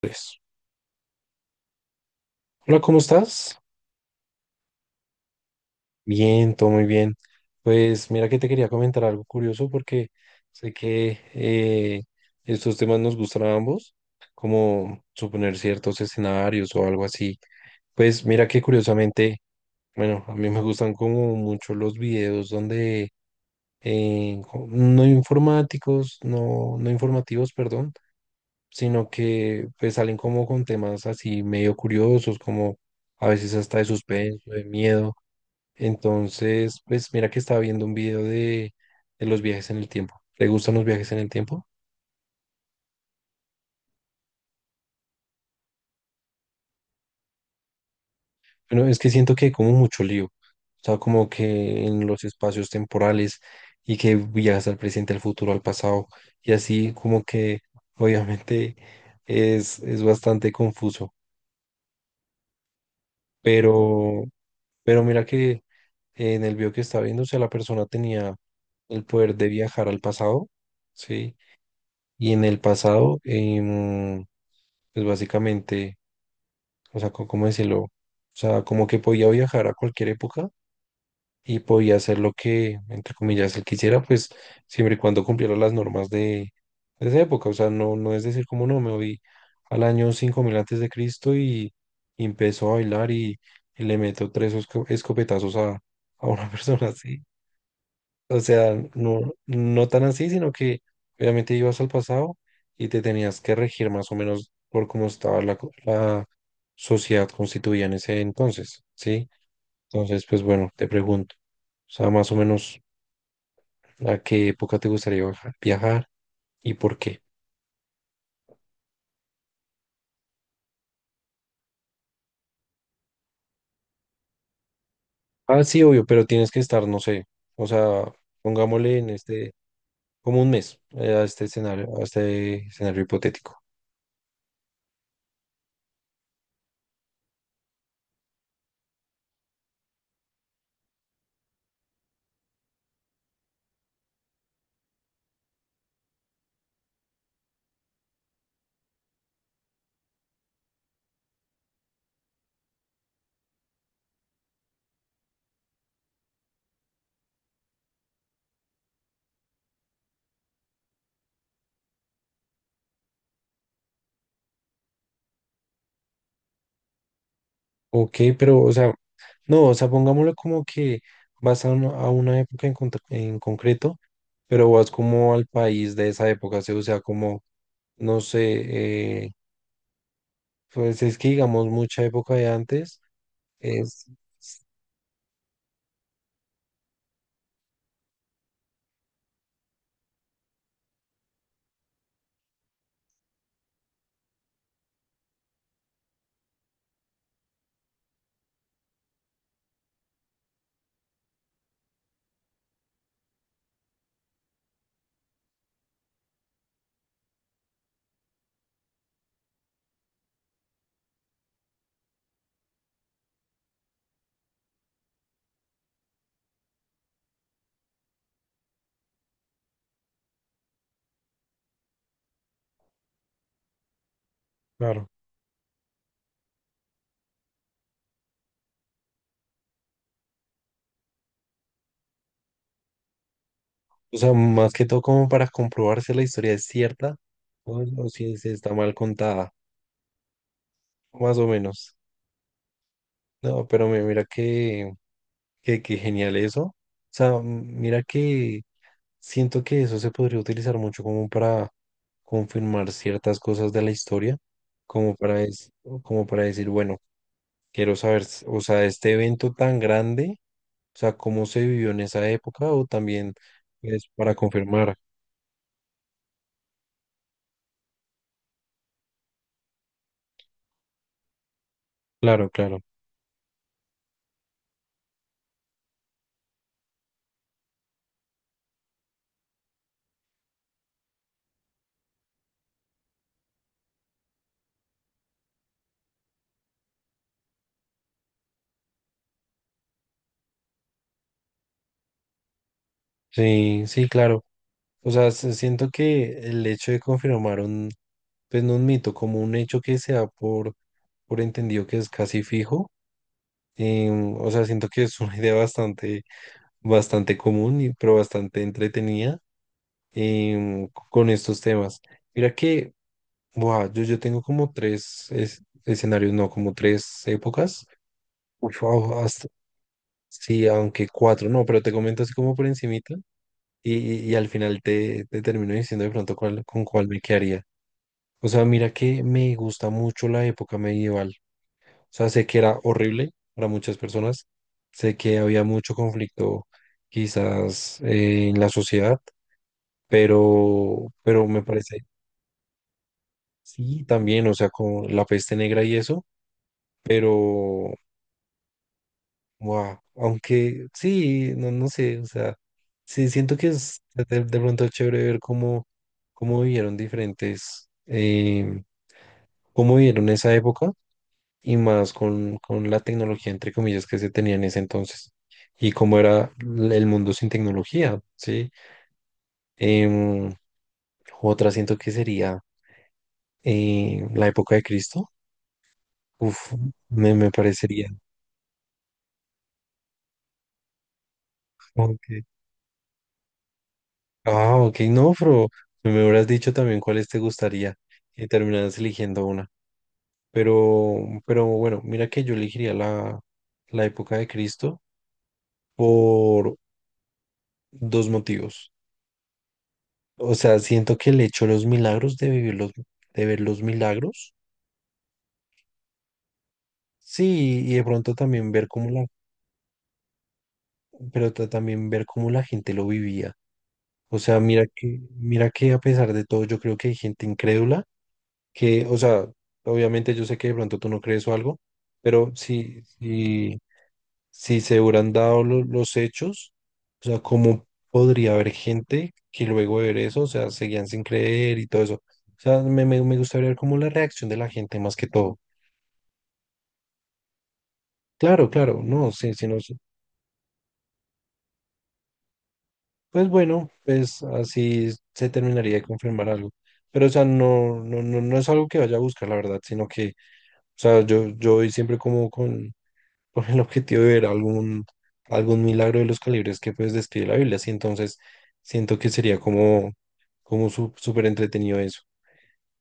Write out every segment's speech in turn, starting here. Pues, hola, ¿cómo estás? Bien, todo muy bien. Pues mira que te quería comentar algo curioso porque sé que estos temas nos gustan a ambos, como suponer ciertos escenarios o algo así. Pues mira que curiosamente, bueno, a mí me gustan como mucho los videos donde no informáticos, no, no informativos, perdón, sino que pues salen como con temas así medio curiosos, como a veces hasta de suspenso, de miedo. Entonces, pues mira que estaba viendo un video de los viajes en el tiempo. ¿Te gustan los viajes en el tiempo? Bueno, es que siento que hay como mucho lío. O sea, como que en los espacios temporales y que viajas al presente, al futuro, al pasado. Y así como que obviamente es bastante confuso. Pero, pero mira que en el video que estaba viendo, o sea, la persona tenía el poder de viajar al pasado, ¿sí? Y en el pasado, pues básicamente, o sea, ¿cómo decirlo? O sea, como que podía viajar a cualquier época y podía hacer lo que, entre comillas, él quisiera, pues siempre y cuando cumpliera las normas de esa época. O sea, no, no es decir como no, me voy al año 5000 antes de Cristo y empezó a bailar y le meto tres escopetazos a una persona así. O sea, no, no tan así, sino que obviamente ibas al pasado y te tenías que regir más o menos por cómo estaba la, la sociedad constituida en ese entonces, ¿sí? Entonces, pues bueno, te pregunto, o sea, más o menos a qué época te gustaría viajar y por qué. Ah, sí, obvio, pero tienes que estar, no sé, o sea, pongámosle en este, como un mes, a este escenario hipotético. Ok, pero, o sea, no, o sea, pongámoslo como que vas a una época en, en concreto, pero vas como al país de esa época, ¿sí? O sea, como, no sé, pues es que digamos mucha época de antes es, es- claro, o sea, más que todo como para comprobar si la historia es cierta o si se está mal contada, más o menos. No, pero mira que genial eso. O sea, mira que siento que eso se podría utilizar mucho como para confirmar ciertas cosas de la historia, como para, como para decir, bueno, quiero saber, o sea, este evento tan grande, o sea, cómo se vivió en esa época, o también es para confirmar. Claro, claro. Sí, sí, claro. O sea, siento que el hecho de confirmar un, pues no un mito, como un hecho que se da por entendido que es casi fijo, o sea, siento que es una idea bastante bastante común, y- pero bastante entretenida con estos temas. Mira que, buah, yo tengo como 3 escenarios, no, como 3 épocas. Uf, wow, hasta- sí, aunque cuatro, no, pero te comento así como por encimita y al final te termino diciendo de pronto cuál, con cuál me quedaría. O sea, mira que me gusta mucho la época medieval. O sea, sé que era horrible para muchas personas, sé que había mucho conflicto quizás en la sociedad pero me parece, sí, también, o sea, con la peste negra y eso, pero, wow, aunque sí, no, no sé, o sea, sí, siento que es de pronto es chévere ver cómo, cómo vivieron diferentes, cómo vivieron esa época y más con la tecnología, entre comillas, que se tenía en ese entonces. Y cómo era el mundo sin tecnología, ¿sí? Em, otra siento que sería la época de Cristo. Uf, me parecería. Ok. Ah, ok, no, pero me hubieras dicho también cuáles te gustaría y terminaras eligiendo una. Pero, pero bueno, mira que yo elegiría la, la época de Cristo por 2 motivos. O sea, siento que el hecho de los milagros, de vivir los, de ver los milagros, sí, y de pronto también ver cómo la, pero también ver cómo la gente lo vivía. O sea, mira que a pesar de todo, yo creo que hay gente incrédula que, o sea, obviamente yo sé que de pronto tú no crees o algo, pero si, si, si se hubieran dado los hechos, o sea, ¿cómo podría haber gente que luego de ver eso, o sea, seguían sin creer y todo eso? O sea, me gustaría ver como la reacción de la gente más que todo. Claro, claro, no, sí, sí, no sé. Pues bueno, pues así se terminaría de confirmar algo. Pero, o sea, no, no, no, no es algo que vaya a buscar, la verdad, sino que, o sea, yo voy siempre como con el objetivo de ver algún, algún milagro de los calibres que pues describe la Biblia. Así entonces siento que sería como, como súper entretenido eso.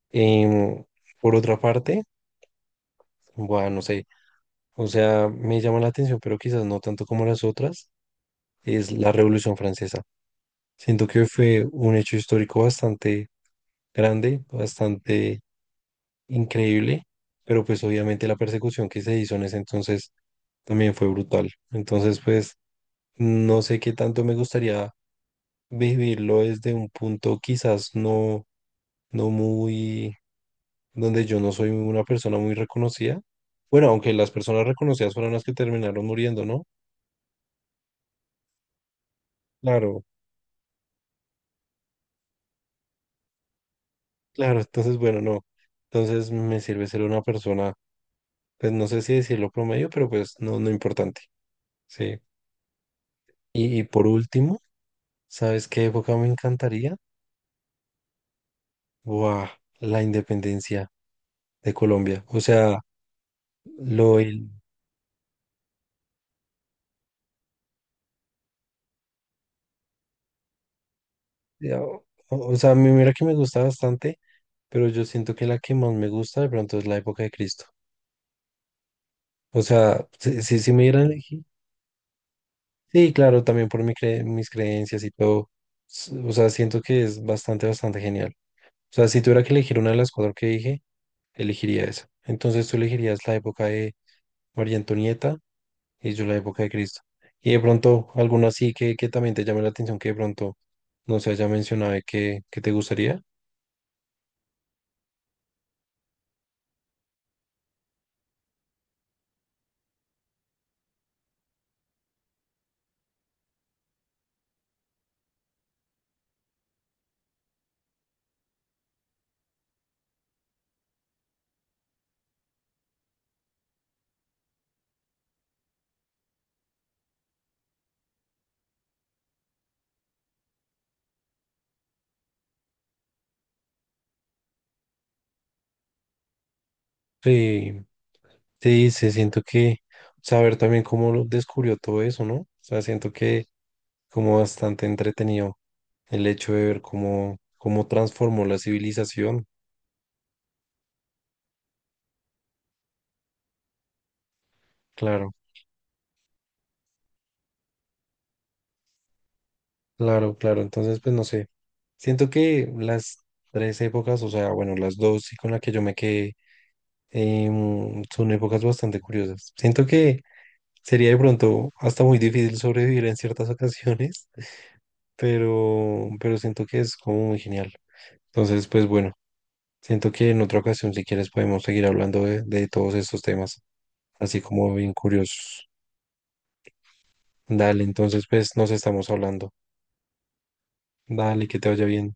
Em, por otra parte, bueno, no sé, o sea, me llama la atención, pero quizás no tanto como las otras, es la Revolución Francesa. Siento que fue un hecho histórico bastante grande, bastante increíble, pero pues obviamente la persecución que se hizo en ese entonces también fue brutal. Entonces, pues no sé qué tanto me gustaría vivirlo desde un punto quizás no, no muy, donde yo no soy una persona muy reconocida. Bueno, aunque las personas reconocidas fueron las que terminaron muriendo, ¿no? Claro, claro, entonces bueno, no. Entonces me sirve ser una persona, pues no sé si decirlo promedio, pero pues no, no importante. Sí. Y por último, ¿sabes qué época me encantaría? Buah, la independencia de Colombia. O sea, lo... ya, o sea, a mí mira que me gusta bastante. Pero yo siento que la que más me gusta de pronto es la época de Cristo. O sea, si, si, si me dieran a elegir- sí, claro, también por mi mis creencias y todo. O sea, siento que es bastante, bastante genial. O sea, si tuviera que elegir una de las 4 que dije, elegiría esa. Entonces tú elegirías la época de María Antonieta y yo la época de Cristo. Y de pronto alguna así que también te llame la atención que de pronto no se haya mencionado y que te gustaría. Sí. Sí, se siento que saber también cómo lo descubrió todo eso, ¿no? O sea, siento que como bastante entretenido el hecho de ver cómo, cómo transformó la civilización. Claro, claro, claro. Entonces, pues no sé. Siento que las tres épocas, o sea, bueno, las dos y con la que yo me quedé, son épocas bastante curiosas. Siento que sería de pronto hasta muy difícil sobrevivir en ciertas ocasiones, pero siento que es como muy genial. Entonces, pues bueno. Siento que en otra ocasión, si quieres, podemos seguir hablando de todos estos temas, así como bien curiosos. Dale, entonces, pues nos estamos hablando. Dale, que te vaya bien.